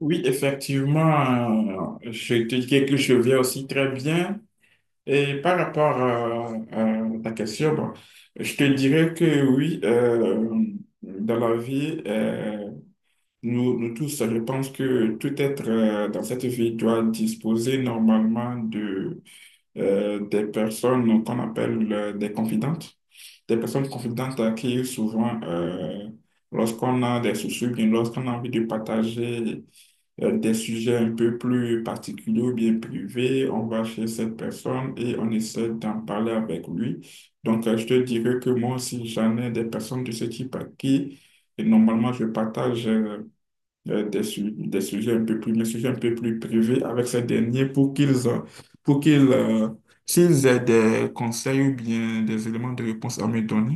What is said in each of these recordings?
Oui, effectivement, je te dirais que je vais aussi très bien. Et par rapport à ta question, bon, je te dirais que oui, dans la vie, nous, nous tous, je pense que tout être dans cette vie doit disposer normalement de des personnes qu'on appelle des confidentes, des personnes confidentes à qui souvent, lorsqu'on a des soucis, ou bien lorsqu'on a envie de partager des sujets un peu plus particuliers ou bien privés, on va chez cette personne et on essaie d'en parler avec lui. Donc, je te dirais que moi aussi, j'en ai des personnes de ce type à qui, et normalement, je partage des sujets un peu plus, mes sujets un peu plus privés avec ces derniers pour qu'ils, s'ils aient des conseils ou bien des éléments de réponse à me donner.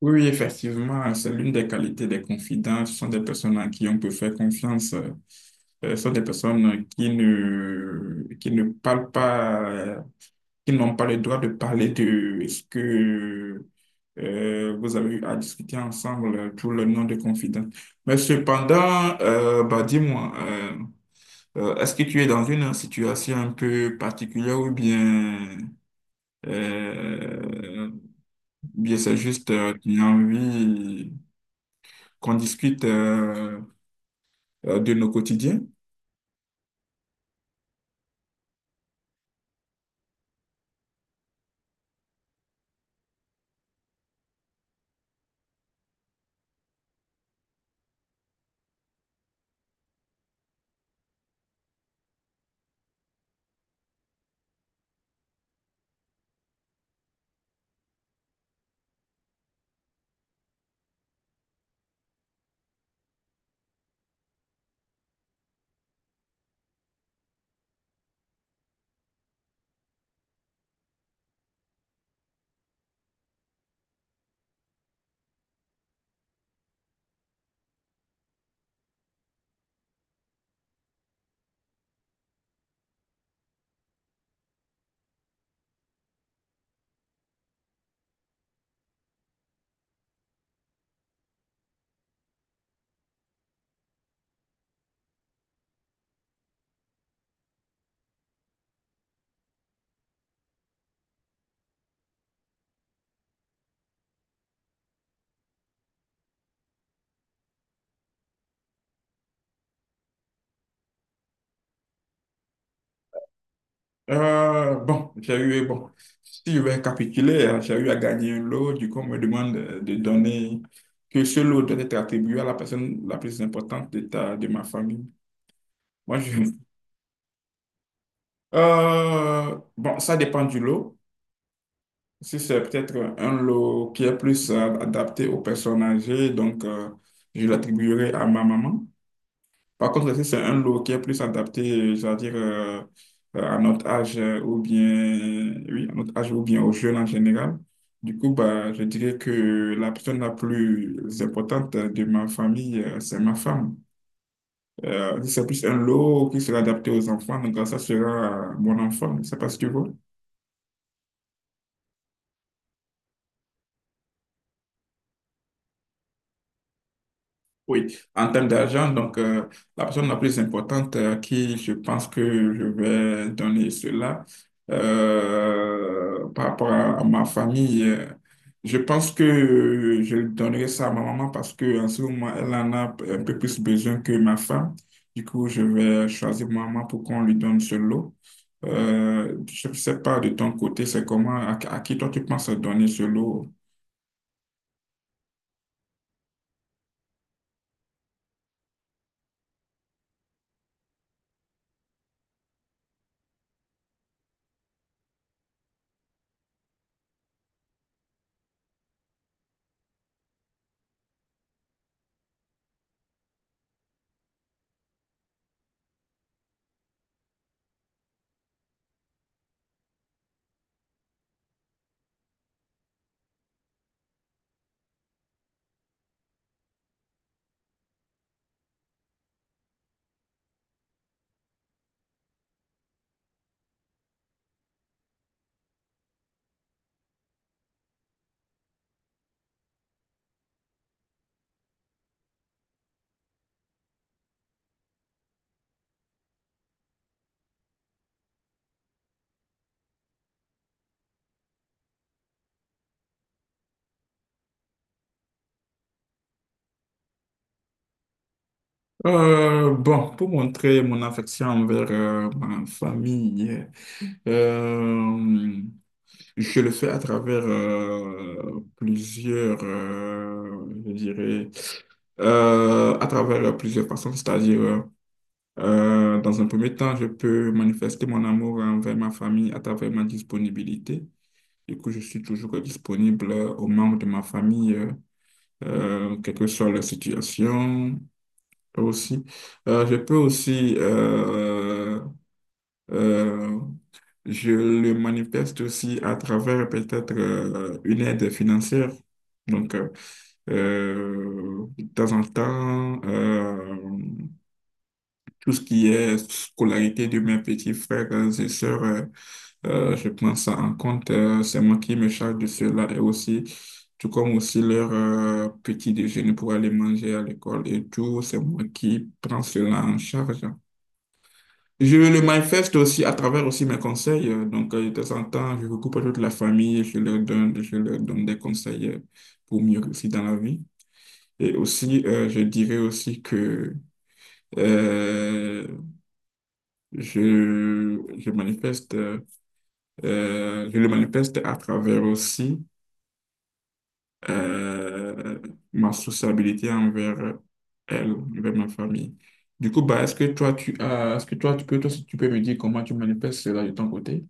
Oui, oui, effectivement, c'est l'une des qualités des confidents. Ce sont des personnes à qui on peut faire confiance. Ce sont des personnes qui ne parlent pas, qui n'ont pas le droit de parler de ce que vous avez eu à discuter ensemble pour le nom de confident. Mais cependant, bah, dis-moi, est-ce que tu es dans une situation un peu particulière ou bien, euh, bien c'est juste tu as envie qu'on discute de nos quotidiens. Bon, bon, si je vais récapituler, j'ai eu à gagner un lot, du coup, on me demande de donner, que ce lot doit être attribué à la personne la plus importante de de ma famille. Moi, je... bon, ça dépend du lot. Si c'est peut-être un lot qui est plus adapté aux personnes âgées, donc je l'attribuerai à ma maman. Par contre, si c'est un lot qui est plus adapté, c'est-à-dire à notre âge ou bien, oui, à notre âge ou bien aux jeunes en général, du coup, bah, je dirais que la personne la plus importante de ma famille, c'est ma femme. Si c'est plus un lot qui sera adapté aux enfants, donc ça sera mon enfant. Je sais pas si tu vois. Oui, en termes d'argent, donc la personne la plus importante à qui je pense que je vais donner cela par rapport à ma famille, je pense que je donnerai ça à ma maman parce qu'en ce moment, elle en a un peu plus besoin que ma femme. Du coup, je vais choisir ma maman pour qu'on lui donne ce lot. Je ne sais pas de ton côté, c'est comment, à qui toi tu penses donner ce lot? Bon, pour montrer mon affection envers ma famille, euh, je le fais à travers plusieurs, je dirais, à travers plusieurs façons, c'est-à-dire, dans un premier temps, je peux manifester mon amour envers ma famille à travers ma disponibilité. Du coup, je suis toujours disponible aux membres de ma famille, quelle que soit la situation aussi. Je peux aussi, euh, je le manifeste aussi à travers peut-être une aide financière. Donc, de temps en temps, tout ce qui est scolarité de mes petits frères et sœurs, je prends ça en compte. C'est moi qui me charge de cela et aussi, tout comme aussi leur petit déjeuner pour aller manger à l'école et tout, c'est moi qui prends cela en charge. Je le manifeste aussi à travers aussi mes conseils. Donc, de temps en temps, je recoupe toute la famille et je leur donne des conseils pour mieux réussir dans la vie. Et aussi, je dirais aussi que euh, Je, je manifeste, je le manifeste à travers aussi euh, ma sociabilité envers elle, envers ma famille. Du coup, bah, est-ce que toi, tu as, est-ce que toi, tu peux, toi, si tu peux me dire comment tu manifestes cela de ton côté?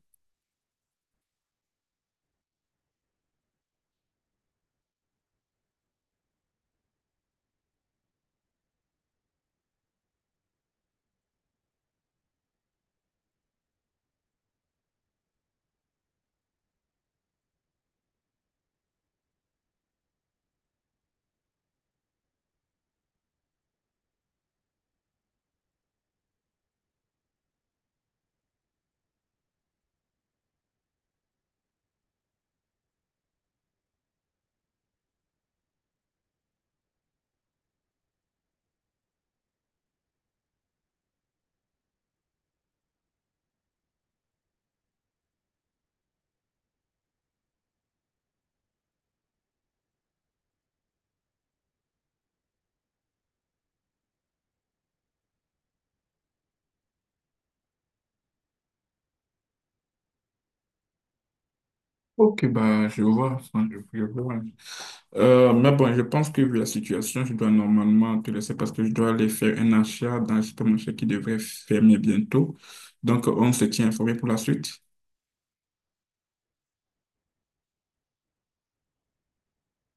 Ok, bah, je vois, enfin, je vois. Mais bon, je pense que vu la situation, je dois normalement te laisser parce que je dois aller faire un achat dans le supermarché qui devrait fermer bientôt. Donc, on se tient informé pour la suite.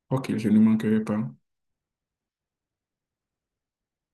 Ok, je ne manquerai pas.